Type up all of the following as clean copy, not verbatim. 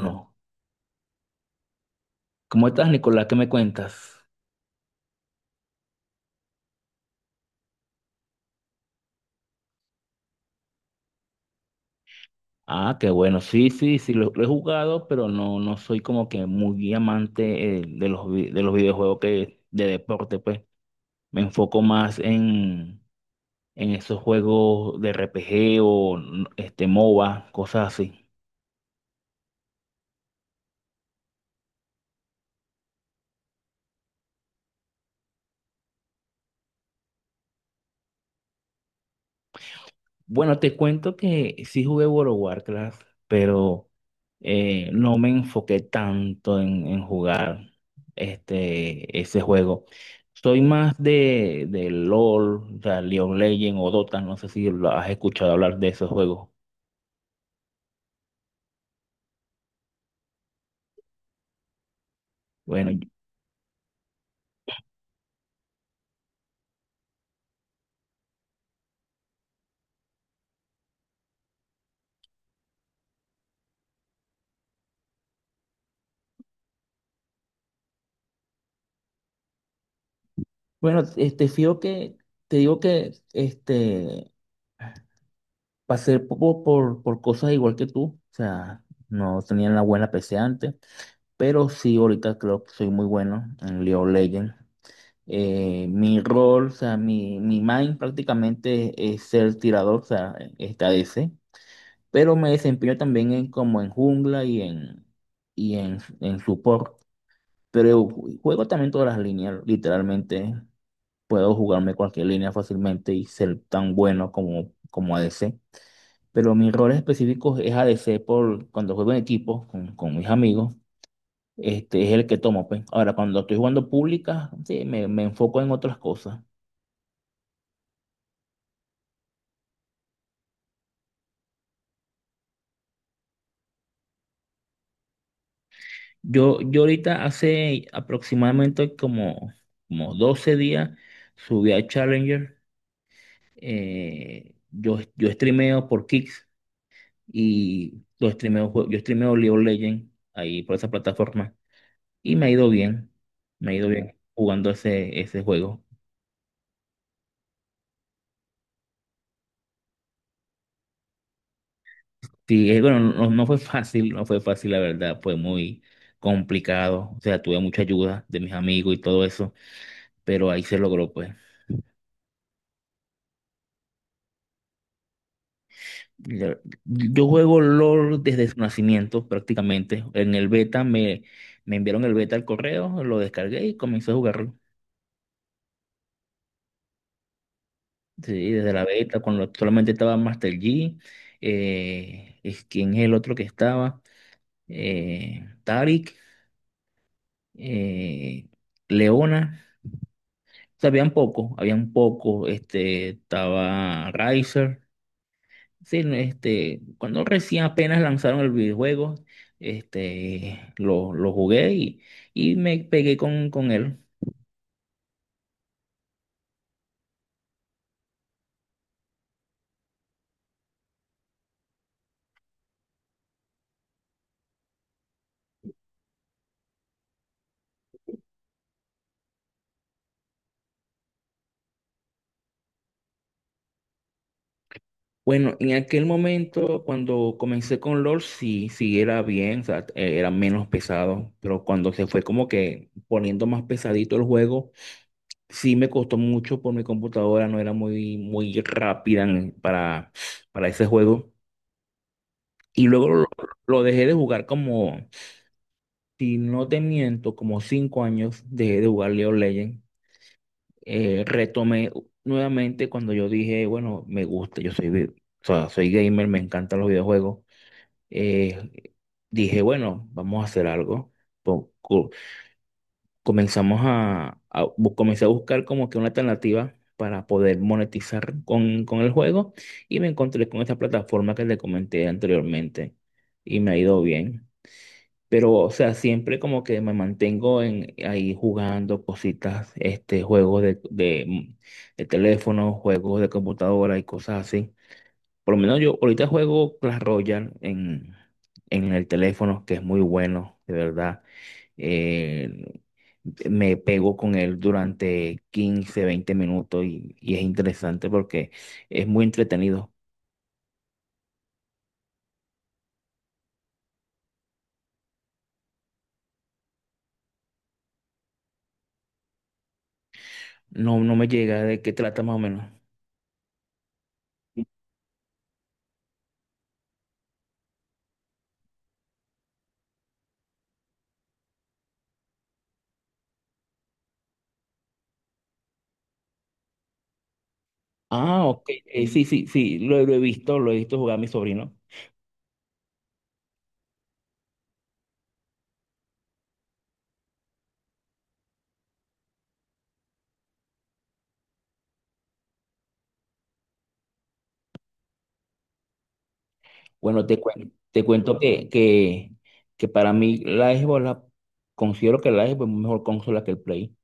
No. ¿Cómo estás, Nicolás? ¿Qué me cuentas? Ah, qué bueno. Sí, sí, sí, lo he jugado, pero no, no soy como que muy amante de los videojuegos que, de deporte, pues. Me enfoco más en esos juegos de RPG o MOBA, cosas así. Bueno, te cuento que sí jugué World of Warcraft, pero no me enfoqué tanto en jugar ese juego. Soy más de LOL, o sea, League of Legends o Dota, no sé si lo has escuchado hablar de esos juegos. Bueno, y- bueno, fijo que, te digo que pasé por cosas igual que tú, o sea, no tenía la buena PC antes. Pero sí, ahorita creo que soy muy bueno en League of Legends. Mi rol, o sea, mi main prácticamente es ser tirador, o sea, esta ADC, pero me desempeño también como en jungla y en support. Pero juego también todas las líneas, literalmente puedo jugarme cualquier línea fácilmente y ser tan bueno como ADC. Pero mi rol específico es ADC por cuando juego en equipo con mis amigos, este es el que tomo, pues. Ahora, cuando estoy jugando públicas, sí, me enfoco en otras cosas. Yo ahorita hace aproximadamente como 12 días subí a Challenger. Yo streameo por Kicks y lo streameo, yo streameo League of Legends ahí por esa plataforma. Y me ha ido bien, me ha ido bien jugando ese juego. Sí, bueno, no, no fue fácil, no fue fácil la verdad, fue muy complicado. O sea, tuve mucha ayuda de mis amigos y todo eso, pero ahí se logró pues. Ya, yo juego LOL desde su nacimiento prácticamente. En el beta me enviaron el beta al correo, lo descargué y comencé a jugarlo. Sí, desde la beta, cuando solamente estaba Master Yi, ¿quién es el otro que estaba? Tarik, eh, Leona. O sea, habían poco, habían poco. Estaba Riser. Sí, no, cuando recién apenas lanzaron el videojuego, lo jugué y me pegué con él. Bueno, en aquel momento, cuando comencé con LoL, sí, sí era bien, o sea, era menos pesado, pero cuando se fue como que poniendo más pesadito el juego, sí me costó mucho por mi computadora, no era muy, muy rápida para ese juego. Y luego lo dejé de jugar como, si no te miento, como 5 años dejé de jugar League of Legends. Retomé nuevamente cuando yo dije, bueno, me gusta, o sea, soy gamer, me encantan los videojuegos. Eh, Dije, bueno, vamos a hacer algo. Po- co- Comenzamos a bu- Comencé a buscar como que una alternativa para poder monetizar con el juego y me encontré con esta plataforma que le comenté anteriormente y me ha ido bien. Pero, o sea, siempre como que me mantengo ahí jugando cositas, juegos de teléfono, juegos de computadora y cosas así. Por lo menos yo ahorita juego Clash Royale en el teléfono, que es muy bueno, de verdad. Eh, Me pego con él durante 15 20 minutos y es interesante porque es muy entretenido. No, no me llega de qué trata más o menos. Ah, ok. Sí, sí, sí, lo he visto, lo he visto jugar a mi sobrino. Bueno, te cuento que para mí la Xbox, considero que la Xbox es mejor consola que el Play.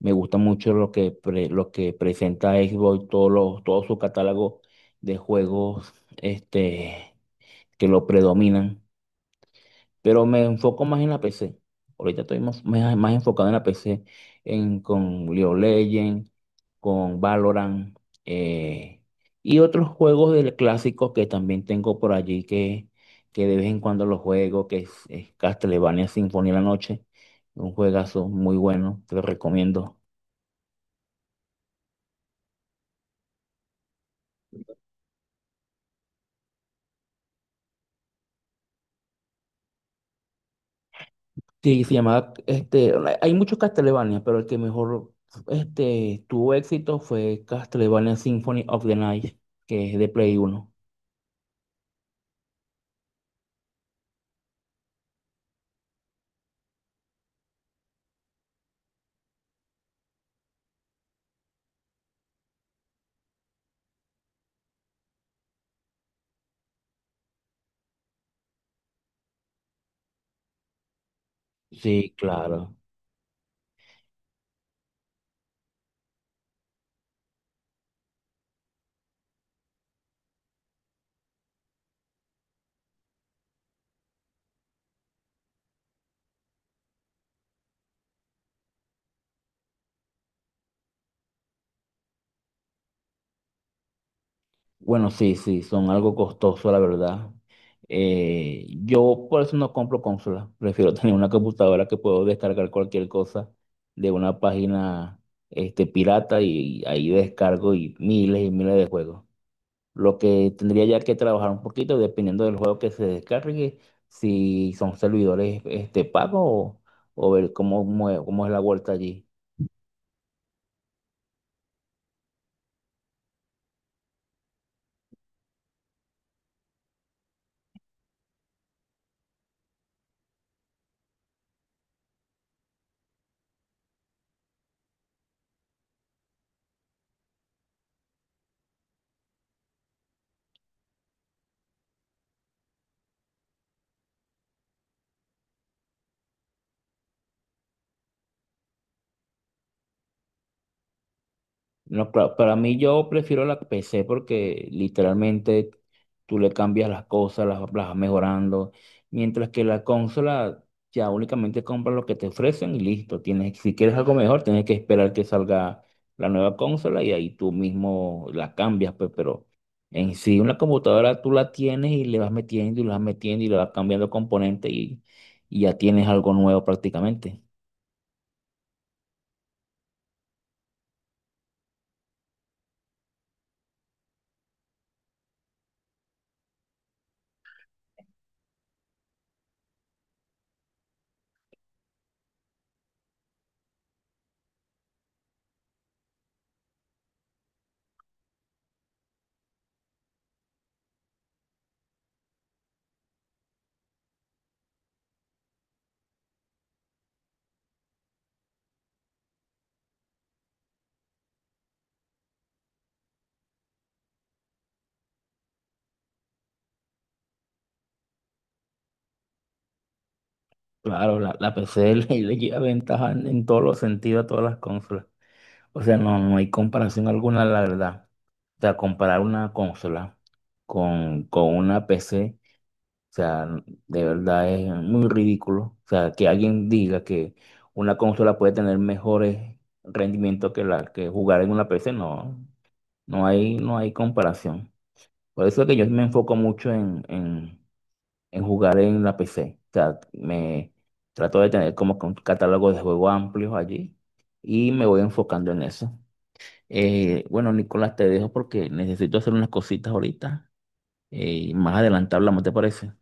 Me gusta mucho lo que presenta Xbox, todo su catálogo de juegos este, que lo predominan. Pero me enfoco más en la PC. Ahorita estoy más enfocado en la PC, con League of Legends, con Valorant eh, y otros juegos del clásicos que también tengo por allí que de vez en cuando los juego, que es Castlevania Sinfonía de la Noche, un juegazo muy bueno, te lo recomiendo. Sí, se llamaba, hay muchos Castlevania, pero el que mejor tuvo éxito fue Castlevania Symphony of the Night, que es de Play 1. Sí, claro. Bueno, sí, sí, son algo costoso, la verdad. Yo por eso no compro consolas. Prefiero tener una computadora que puedo descargar cualquier cosa de una página pirata y ahí descargo y miles de juegos. Lo que tendría ya que trabajar un poquito dependiendo del juego que se descargue, si son servidores pagos o ver cómo es la vuelta allí. No, claro, para mí yo prefiero la PC porque literalmente tú le cambias las cosas, las vas mejorando, mientras que la consola ya únicamente compras lo que te ofrecen y listo. Tienes, si quieres algo mejor, tienes que esperar que salga la nueva consola y ahí tú mismo la cambias, pues, pero en sí una computadora tú la tienes y le vas metiendo y le vas metiendo y le vas cambiando componentes y ya tienes algo nuevo prácticamente. Claro, la PC le lleva ventaja en todos los sentidos a todas las consolas. O sea, no, no hay comparación alguna, la verdad. O sea, comparar una consola con una PC, o sea, de verdad es muy ridículo. O sea, que alguien diga que una consola puede tener mejores rendimientos que la que jugar en una PC, no, no hay, no hay comparación. Por eso es que yo me enfoco mucho en jugar en la PC. O sea, me trato de tener como que un catálogo de juegos amplios allí y me voy enfocando en eso. Bueno, Nicolás, te dejo porque necesito hacer unas cositas ahorita y más adelante hablamos, ¿te parece?